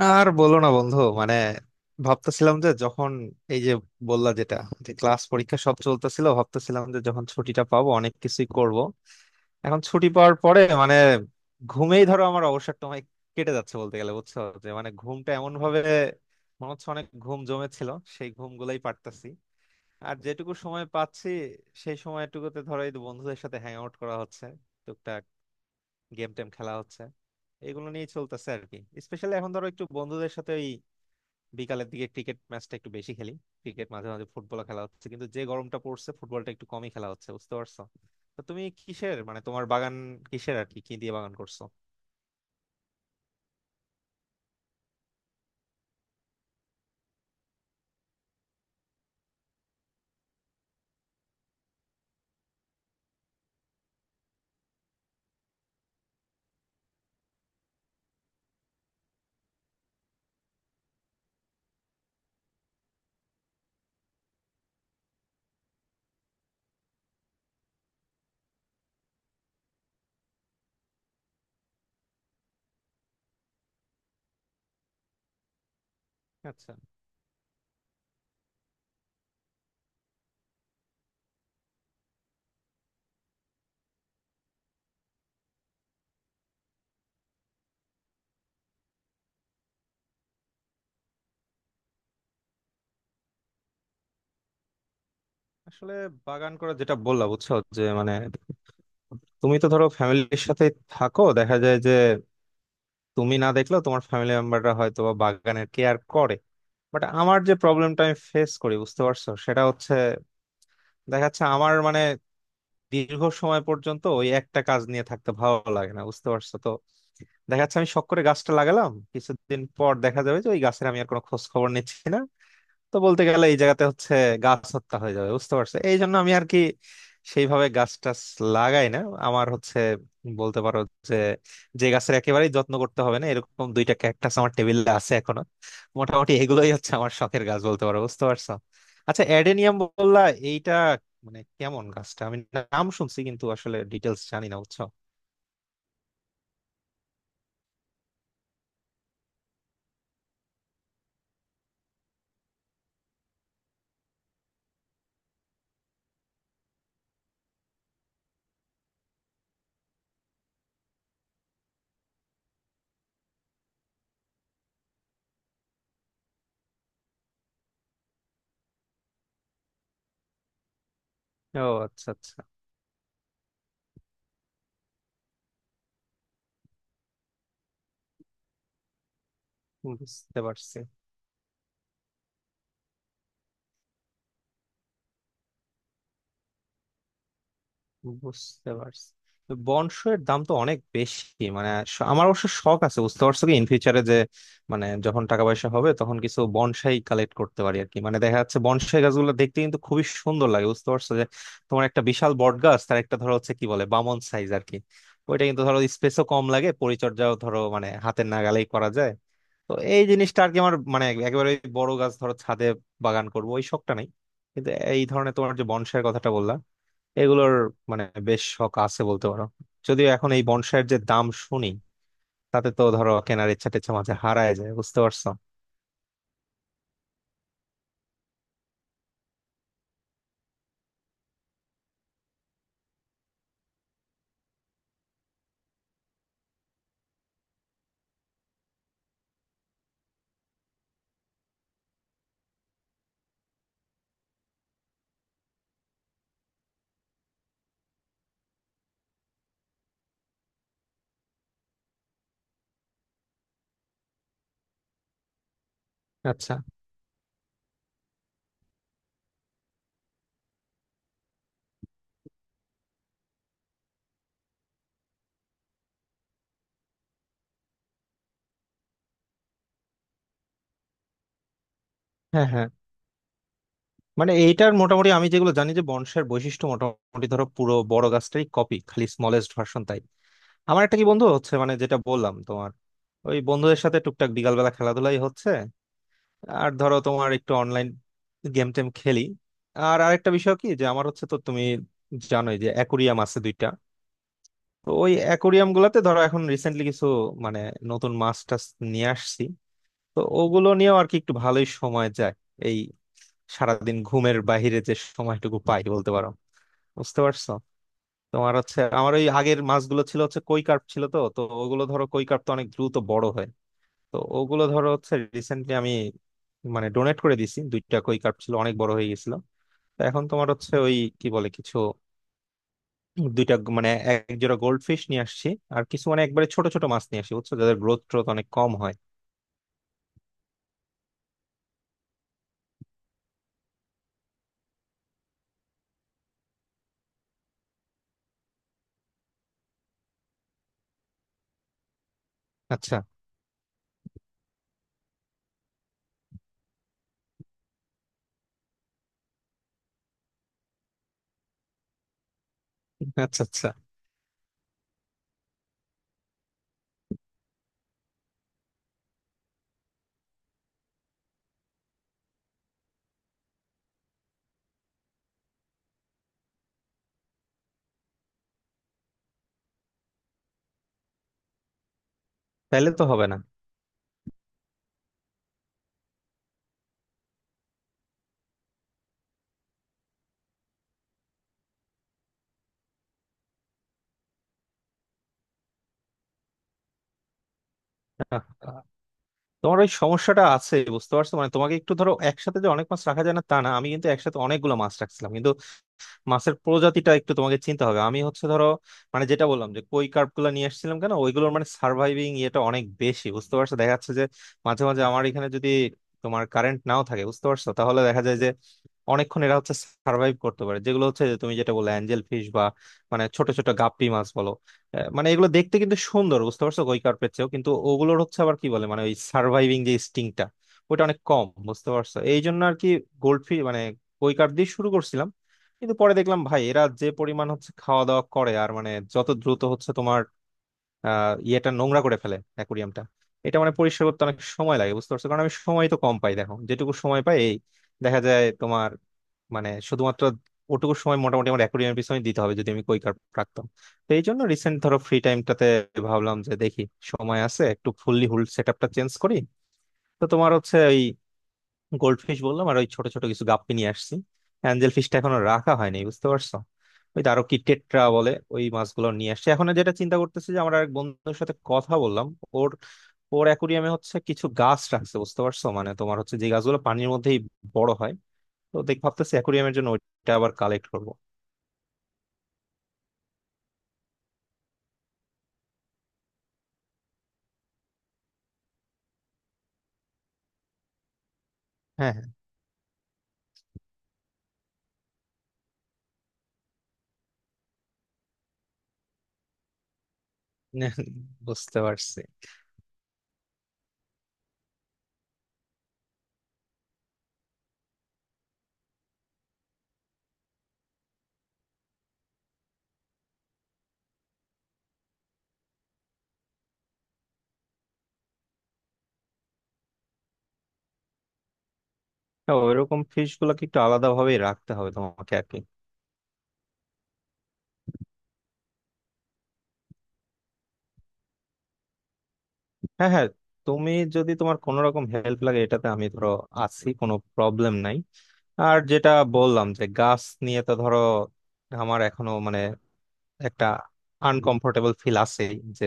আর বলো না বন্ধু, মানে ভাবতেছিলাম যে যখন এই যে বললা যেটা, যে ক্লাস পরীক্ষা সব চলতেছিল, ভাবতেছিলাম যে যখন ছুটিটা পাবো অনেক কিছুই করব। এখন ছুটি পাওয়ার পরে মানে ঘুমেই ধরো আমার অবসর সময় কেটে যাচ্ছে বলতে গেলে, বুঝছো, যে মানে ঘুমটা এমন ভাবে মনে হচ্ছে অনেক ঘুম জমেছিল, সেই ঘুম গুলাই পারতাছি। আর যেটুকু সময় পাচ্ছি সেই সময়টুকুতে ধরো এই বন্ধুদের সাথে হ্যাং আউট করা হচ্ছে, টুকটাক গেম টেম খেলা হচ্ছে, এগুলো নিয়ে চলতেছে আর কি। স্পেশালি এখন ধরো একটু বন্ধুদের সাথে বিকালের দিকে ক্রিকেট ম্যাচটা একটু বেশি খেলি। ক্রিকেট, মাঝে মাঝে ফুটবল খেলা হচ্ছে, কিন্তু যে গরমটা পড়ছে ফুটবলটা একটু কমই খেলা হচ্ছে, বুঝতে পারছো। তো তুমি কিসের, মানে তোমার বাগান কিসের, আর কি কি দিয়ে বাগান করছো? আচ্ছা, আসলে বাগান করা যেটা বললা, বুঝছো, যে মানে তুমি তো ধরো ফ্যামিলির সাথে থাকো, দেখা যায় যে তুমি না দেখলেও তোমার ফ্যামিলি মেম্বাররা হয়তো বা বাগানের কেয়ার করে। বাট আমার যে প্রবলেমটা আমি ফেস করি, বুঝতে পারছো, সেটা হচ্ছে দেখা যাচ্ছে আমার মানে দীর্ঘ সময় পর্যন্ত ওই একটা কাজ নিয়ে থাকতে ভালো লাগে না, বুঝতে পারছো। দেখা যাচ্ছে আমি শখ করে গাছটা লাগালাম, কিছুদিন পর দেখা যাবে যে ওই গাছের আমি আর কোনো খোঁজ খবর নিচ্ছি না। তো বলতে গেলে এই জায়গাতে হচ্ছে গাছ হত্যা হয়ে যাবে, বুঝতে পারছো, এই জন্য আমি আর কি সেইভাবে গাছ টাছ লাগাই না। আমার হচ্ছে, বলতে পারো যে যে গাছের একেবারেই যত্ন করতে হবে না, এরকম দুইটা ক্যাকটাস আমার টেবিলে আছে এখনো। মোটামুটি এগুলোই হচ্ছে আমার শখের গাছ বলতে পারো, বুঝতে পারছো। আচ্ছা, অ্যাডেনিয়াম বললা, এইটা মানে কেমন গাছটা? আমি নাম শুনছি কিন্তু আসলে ডিটেলস জানি না, বুঝছো। ও, আচ্ছা আচ্ছা। বুঝতে পারছি। বুঝতে পারছি। তো বনশো এর দাম তো অনেক বেশি, মানে আমার অবশ্য শখ আছে, বুঝতে পারছো কি, ইন ফিউচারে যে মানে যখন টাকা পয়সা হবে তখন কিছু বনসাই কালেক্ট করতে পারি আর কি। মানে দেখা যাচ্ছে বনসাই গাছগুলো দেখতে কিন্তু খুবই সুন্দর লাগে, বুঝতে পারছো, যে তোমার একটা বিশাল বট গাছ, তার একটা ধরো হচ্ছে কি বলে বামন সাইজ আর কি। ওইটা কিন্তু ধরো স্পেসও কম লাগে, পরিচর্যাও ধরো মানে হাতের নাগালেই করা যায়। তো এই জিনিসটা আর কি আমার, মানে একেবারে বড় গাছ ধরো ছাদে বাগান করবো ওই শখটা নাই, কিন্তু এই ধরনের তোমার যে বনসাইয়ের কথাটা বললা, এগুলোর মানে বেশ শখ আছে বলতে পারো। যদিও এখন এই বনসাইয়ের যে দাম শুনি, তাতে তো ধরো কেনার ইচ্ছা টেচ্ছা মাঝে হারায় যায়, বুঝতে পারছো। আচ্ছা। হ্যাঁ হ্যাঁ, মানে এইটার মোটামুটি আমি যেগুলো জানি যে বনসাইয়ের বৈশিষ্ট্য মোটামুটি ধরো পুরো বড় গাছটাই কপি, খালি স্মলেস্ট ভার্সন, তাই। আমার একটা কি বন্ধু হচ্ছে মানে, যেটা বললাম তোমার, ওই বন্ধুদের সাথে টুকটাক বিকালবেলা খেলাধুলাই হচ্ছে, আর ধরো তোমার একটু অনলাইন গেম টেম খেলি। আর আরেকটা বিষয় কি যে আমার হচ্ছে, তো তুমি জানোই যে অ্যাকুরিয়াম আছে দুইটা। তো ওই অ্যাকোরিয়াম গুলাতে ধরো এখন রিসেন্টলি কিছু মানে নতুন মাছ টাছ নিয়ে আসছি। তো ওগুলো নিয়েও আর কি একটু ভালোই সময় যায় এই সারাদিন ঘুমের বাহিরে যে সময়টুকু পাই বলতে পারো, বুঝতে পারছো। তোমার হচ্ছে, আমার ওই আগের মাছগুলো ছিল হচ্ছে কই কার্প ছিল, তো তো ওগুলো ধরো কই কার্প তো অনেক দ্রুত বড় হয়। তো ওগুলো ধরো হচ্ছে রিসেন্টলি আমি মানে ডোনেট করে দিছি, দুইটা কই কার্প ছিল অনেক বড় হয়ে গেছিল। তো এখন তোমার হচ্ছে ওই কি বলে কিছু, দুইটা মানে এক জোড়া গোল্ড ফিশ নিয়ে আসছি। আর কিছু মানে একবারে ছোট ছোট মাছ নিয়ে আসি, বুঝছো, যাদের গ্রোথ ট্রোথ অনেক কম হয়। আচ্ছা আচ্ছা আচ্ছা। তাহলে তো হবে না। আহ, তোমার ওই সমস্যাটা আছে, বুঝতে পারছো, মানে তোমাকে একটু ধরো একসাথে যে অনেক মাছ রাখা যায় না তা না, আমি কিন্তু একসাথে অনেকগুলো মাছ রাখছিলাম, কিন্তু মাছের প্রজাতিটা একটু তোমাকে চিন্তা হবে। আমি হচ্ছে ধরো মানে যেটা বললাম যে কই কার্প গুলা নিয়ে আসছিলাম কেন, ওইগুলোর মানে সার্ভাইভিং ইয়েটা অনেক বেশি, বুঝতে পারছো। দেখা যাচ্ছে যে মাঝে মাঝে আমার এখানে যদি তোমার কারেন্ট নাও থাকে, বুঝতে পারছো, তাহলে দেখা যায় যে অনেকক্ষণ এরা হচ্ছে সার্ভাইভ করতে পারে। যেগুলো হচ্ছে যে তুমি যেটা বললে অ্যাঞ্জেল ফিশ বা মানে ছোট ছোট গাপ্পি মাছ বলো, মানে এগুলো দেখতে কিন্তু সুন্দর, বুঝতে পারছো, কই কার্পের চেয়েও। কিন্তু ওগুলোর হচ্ছে আবার কি বলে, মানে ওই সার্ভাইভিং যে স্টিংটা, ওটা অনেক কম, বুঝতে পারছো, এই জন্য আর কি গোল্ড ফিশ মানে। কই কার্প দিয়ে শুরু করছিলাম কিন্তু পরে দেখলাম ভাই এরা যে পরিমাণ হচ্ছে খাওয়া দাওয়া করে আর মানে যত দ্রুত হচ্ছে তোমার ইয়েটা নোংরা করে ফেলে অ্যাকুরিয়ামটা। এটা মানে পরিষ্কার করতে অনেক সময় লাগে, বুঝতে পারছো, কারণ আমি সময় তো কম পাই। দেখো যেটুকু সময় পাই এই দেখা যায় তোমার মানে শুধুমাত্র ওটুকু সময় মোটামুটি আমার অ্যাকুরিয়ামের পিছনে দিতে হবে যদি আমি কই কার্প রাখতাম। তো এই জন্য রিসেন্ট ধরো ফ্রি টাইমটাতে ভাবলাম যে দেখি সময় আছে, একটু ফুললি হুল সেট আপটা চেঞ্জ করি। তো তোমার হচ্ছে ওই গোল্ড ফিশ বললাম আর ওই ছোট ছোট কিছু গাপ্পি নিয়ে আসছি। অ্যাঞ্জেল ফিশটা এখনো রাখা হয়নি, বুঝতে পারছো। ওই আরো কি টেট্রা বলে ওই মাছগুলো নিয়ে আসছি। এখন যেটা চিন্তা করতেছি যে আমার এক বন্ধুর সাথে কথা বললাম, ওর ওর অ্যাকুরিয়ামে হচ্ছে কিছু গাছ রাখছে, বুঝতে পারছো, মানে তোমার হচ্ছে যে গাছগুলো পানির মধ্যেই বড় হয়। তো দেখ ভাবতেছি অ্যাকুরিয়ামের জন্য ওইটা আবার কালেক্ট করবো। হ্যাঁ হ্যাঁ। বুঝতে পারছি। তো ওইরকম ফিশ গুলোকে একটু আলাদা ভাবেই রাখতে হবে তোমাকে আর কি। হ্যাঁ হ্যাঁ, তুমি যদি তোমার কোনো রকম হেল্প লাগে এটাতে আমি ধরো আছি, কোনো প্রবলেম নাই। আর যেটা বললাম যে গাছ নিয়ে তো ধরো আমার এখনো মানে একটা আনকমফোর্টেবল ফিল আছে, যে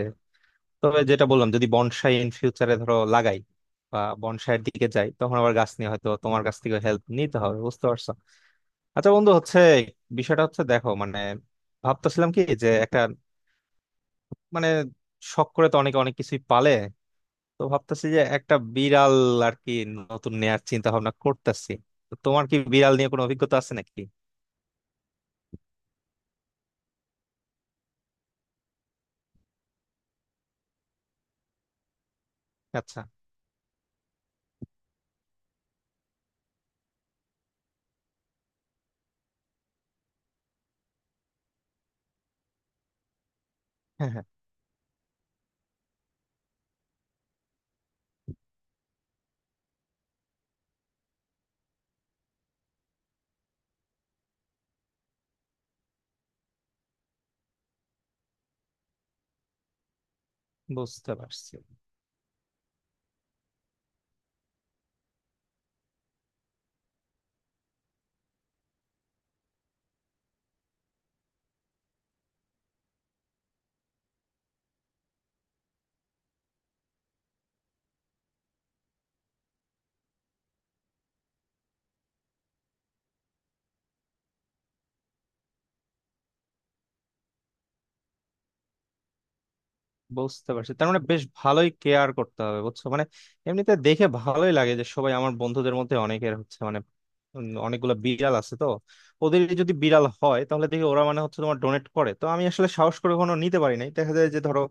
তবে যেটা বললাম যদি বনসাই ইন ফিউচারে ধরো লাগাই বা বনসাইয়ের দিকে যাই, তখন আবার গাছ নিয়ে হয়তো তোমার কাছ থেকে হেল্প নিতে হবে, বুঝতে পারছো। আচ্ছা বন্ধু, হচ্ছে বিষয়টা হচ্ছে দেখো মানে ভাবতেছিলাম কি যে একটা মানে শখ করে তো অনেকে অনেক কিছুই পালে, তো ভাবতেছি যে একটা বিড়াল আর কি নতুন নেয়ার চিন্তা ভাবনা করতেছি। তো তোমার কি বিড়াল নিয়ে কোনো অভিজ্ঞতা আছে নাকি? আচ্ছা। হ্যাঁ হ্যাঁ। বুঝতে পারছি। বুঝতে পারছি, তার মানে বেশ ভালোই কেয়ার করতে হবে, বুঝছো, মানে এমনিতে দেখে ভালোই লাগে যে সবাই আমার বন্ধুদের মধ্যে অনেকের হচ্ছে মানে অনেকগুলো বিড়াল আছে তো। ওদের যদি বিড়াল হয় তাহলে দেখি ওরা মানে হচ্ছে তোমার ডোনেট করে, তো আমি আসলে সাহস করে কোনো নিতে পারি নাই। দেখা যায় যে ধরো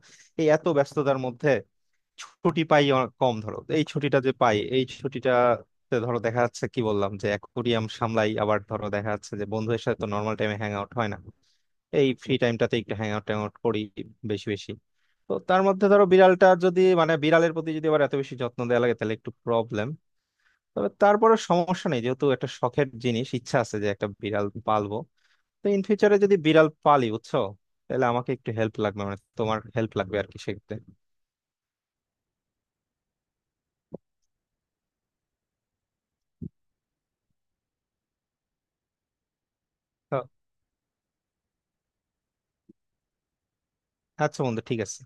এই এত ব্যস্ততার মধ্যে ছুটি পাই কম, ধরো এই ছুটিটা যে পাই এই ছুটিটাতে ধরো দেখা যাচ্ছে কি বললাম যে অ্যাকুয়ারিয়াম সামলাই, আবার ধরো দেখা যাচ্ছে যে বন্ধুদের সাথে তো নর্মাল টাইমে হ্যাং আউট হয় না, এই ফ্রি টাইমটাতে একটু হ্যাং আউট ট্যাং আউট করি বেশি বেশি। তো তার মধ্যে ধরো বিড়ালটা যদি মানে বিড়ালের প্রতি যদি আবার এত বেশি যত্ন দেওয়া লাগে তাহলে একটু প্রবলেম। তবে তারপরে সমস্যা নেই, যেহেতু একটা শখের জিনিস ইচ্ছা আছে যে একটা বিড়াল পালবো। তো ইন ফিউচারে যদি বিড়াল পালি, বুঝছো, তাহলে আমাকে একটু হেল্প লাগবে মানে তোমার হেল্প লাগবে আর কি, সেক্ষেত্রে। তো আচ্ছা বন্ধু, ঠিক আছে।